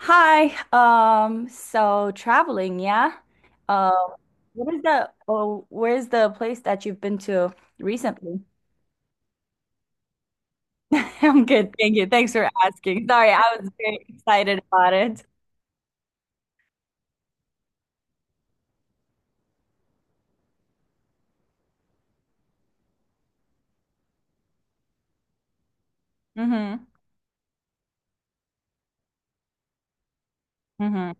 Hi. So traveling, yeah. Uh, what is the oh, Where's the place that you've been to recently? I'm good, thank you. Thanks for asking. Sorry, I was very excited about it. Mm-hmm. Mm-hmm.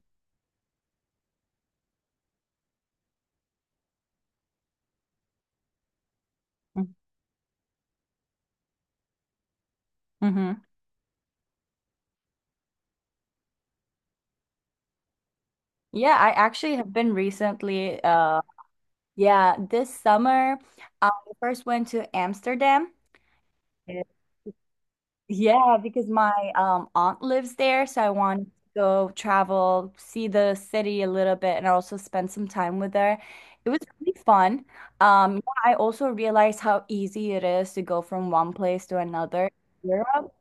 Mm-hmm. Mm-hmm. Yeah, I actually have been recently. Yeah, this summer, I first went to Amsterdam. Yeah. Yeah, because my aunt lives there, so I wanted to go travel, see the city a little bit, and also spend some time with her. It was really fun. Yeah, I also realized how easy it is to go from one place to another in Europe.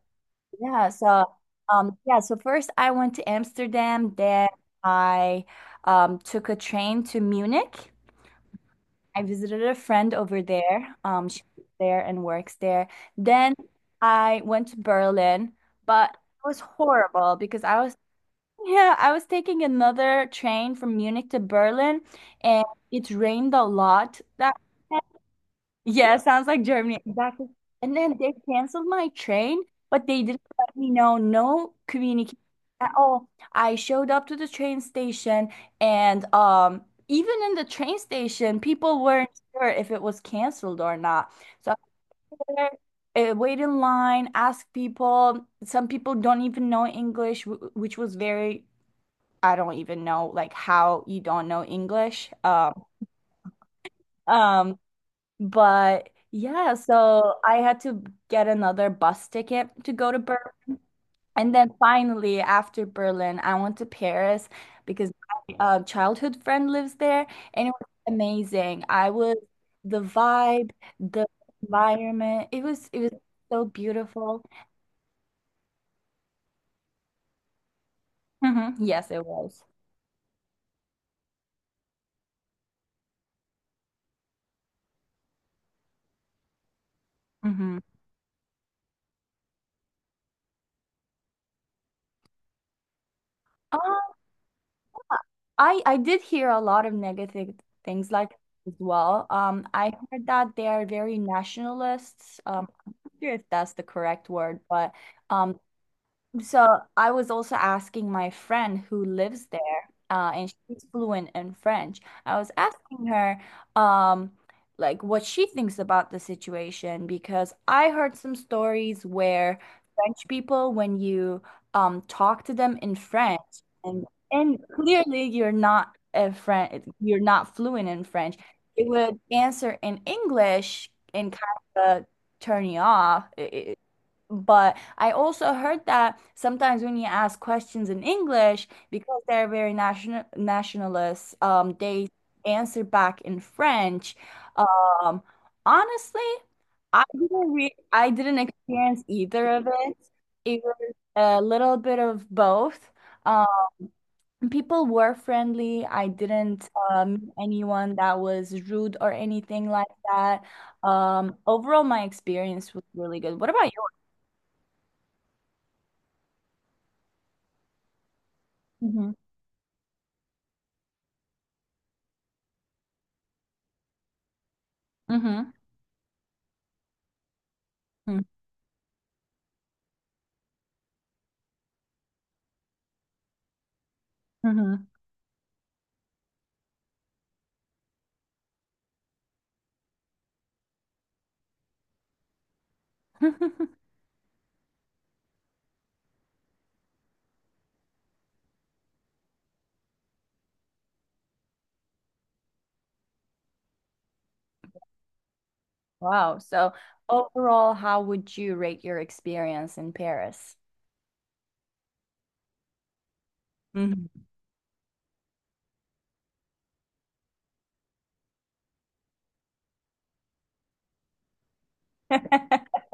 Yeah, so yeah, so first I went to Amsterdam, then I took a train to Munich. I visited a friend over there. She lives there and works there. Then I went to Berlin, but it was horrible because I was taking another train from Munich to Berlin, and it rained a lot that day. Yeah, sounds like Germany. Exactly. And then they canceled my train, but they didn't let me know, no communication at all. I showed up to the train station, and even in the train station, people weren't sure if it was canceled or not. So I was there, wait in line, ask people. Some people don't even know English, which was very, I don't even know like how you don't know English. Um, but yeah, so I had to get another bus ticket to go to Berlin. And then finally, after Berlin, I went to Paris because my childhood friend lives there, and it was amazing. I was The vibe, the environment. It was so beautiful. Hmm. Yes, it was. Hmm. I did hear a lot of negative things, like, as well. I heard that they are very nationalists. I'm not sure if that's the correct word, but um, so I was also asking my friend who lives there, and she's fluent in French. I was asking her, um, like what she thinks about the situation because I heard some stories where French people, when you talk to them in French, and clearly you're not a French, you're not fluent in French, they would answer in English and kind of turn you off. It, but I also heard that sometimes when you ask questions in English, because they're very nationalists, they answer back in French. Um, honestly, I didn't experience either of it. It was a little bit of both. Um, people were friendly. I didn't meet anyone that was rude or anything like that. Overall, my experience was really good. What about you? Mm-hmm. Mm-hmm. Wow. So overall, how would you rate your experience in Paris? Mhm.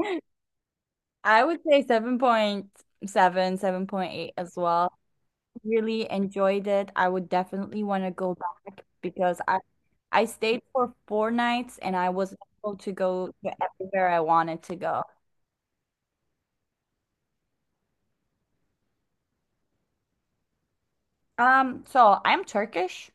I would say 7.7, 7.8 as well. Really enjoyed it. I would definitely want to go back because I stayed for 4 nights and I was able to go to everywhere I wanted to go. So I'm Turkish.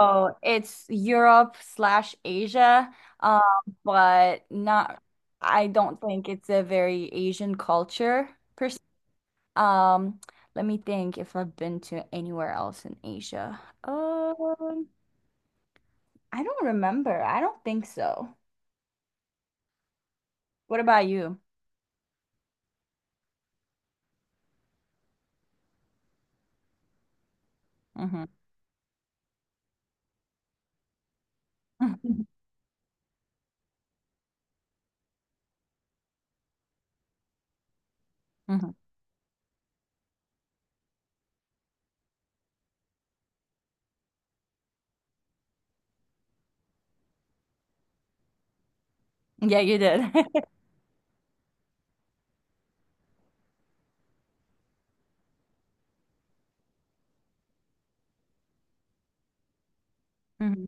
Oh, it's Europe slash Asia, um, but not, I don't think it's a very Asian culture per se. Um, let me think if I've been to anywhere else in Asia. I don't remember. I don't think so. What about you? Hmm. Hmm. Yeah, you did. Mhm.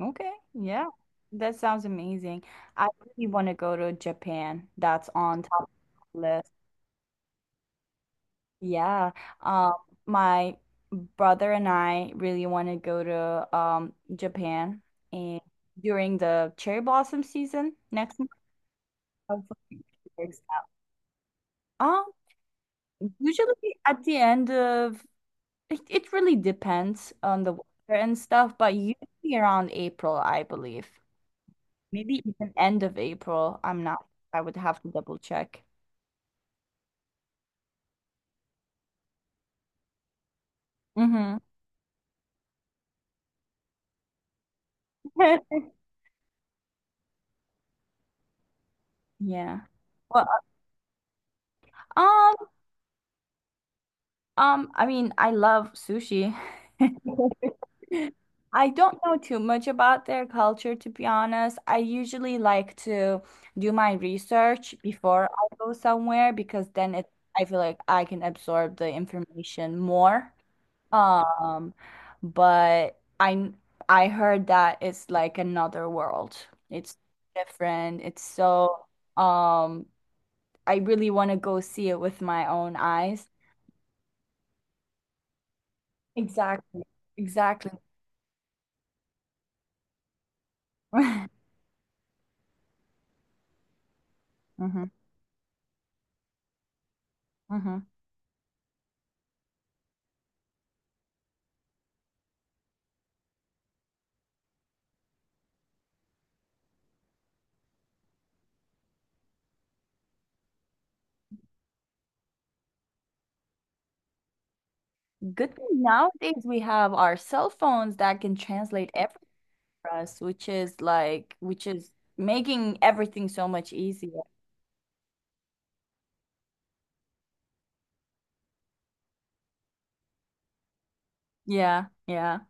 Okay, yeah. That sounds amazing. I really want to go to Japan. That's on top of the list. Yeah. Um, my brother and I really want to go to Japan and during the cherry blossom season next month. I was looking for ex- Um, usually at the end of it really depends on the weather and stuff, but usually around April, I believe. Maybe even end of April. I'm not, I would have to double check. Mm-hmm. Yeah. Well, um. I mean, I love sushi. I don't know too much about their culture, to be honest. I usually like to do my research before I go somewhere because then it I feel like I can absorb the information more. Um, but I heard that it's like another world. It's different. It's so um I really want to go see it with my own eyes. Exactly. Exactly. Hmm. Hmm. Good thing nowadays we have our cell phones that can translate everything for us, which is like, which is making everything so much easier. Yeah, yeah.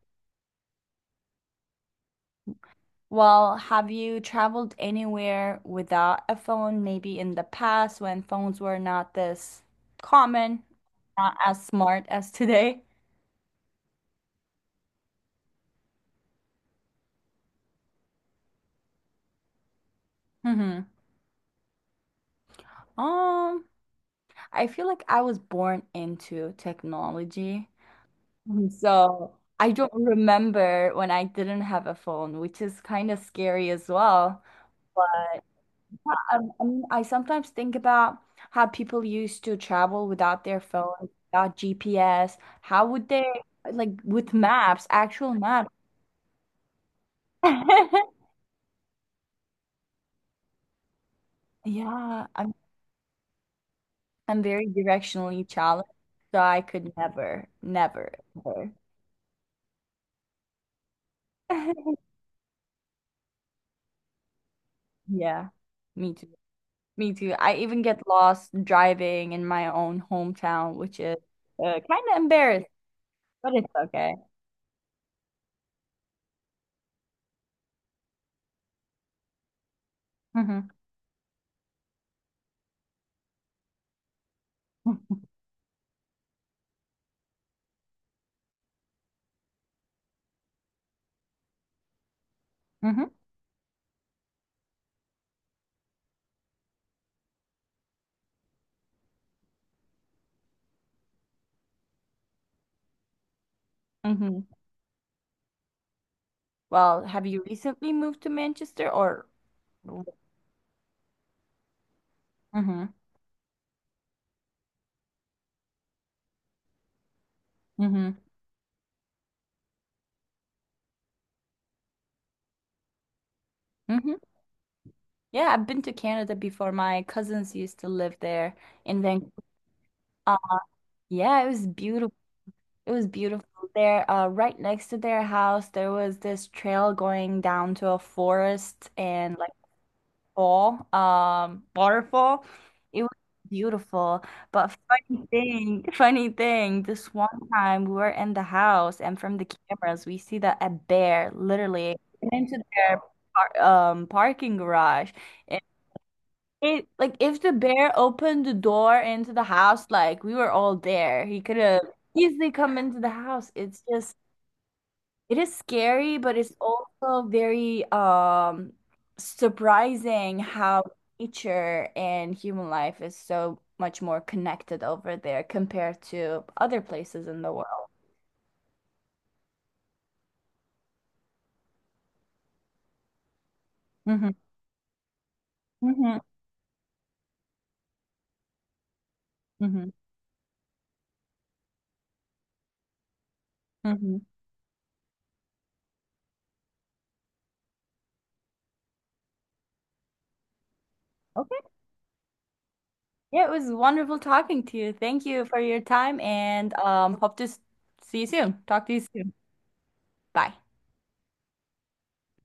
Well, have you traveled anywhere without a phone, maybe in the past when phones were not this common, not as smart as today? Hmm. Um, I feel like I was born into technology. Mhm. So I don't remember when I didn't have a phone, which is kind of scary as well. But yeah, I mean, I sometimes think about how people used to travel without their phones, without GPS. How would they, like, with maps, actual maps? Yeah, I'm I'm very directionally challenged, so I could never, never, ever. Yeah, me too. Me too. I even get lost driving in my own hometown, which is kind of embarrassing, but it's okay. Hmm. Hmm. Hmm. Well, have you recently moved to Manchester or? Hmm. Hmm. Hmm. Yeah, I've been to Canada before. My cousins used to live there, and then uh, yeah, it was beautiful. It was beautiful there. Right next to their house, there was this trail going down to a forest, and like. Fall, waterfall. It was beautiful. But funny thing, this one time we were in the house and from the cameras we see that a bear literally went into their par parking garage. And it like if the bear opened the door into the house, like we were all there. He could have easily come into the house. It's just it is scary, but it's also very surprising how nature and human life is so much more connected over there compared to other places in the world. Hmm. Hmm. Hmm. Hmm. Okay. Yeah, it was wonderful talking to you. Thank you for your time and hope to see you soon. Talk to you soon. Bye.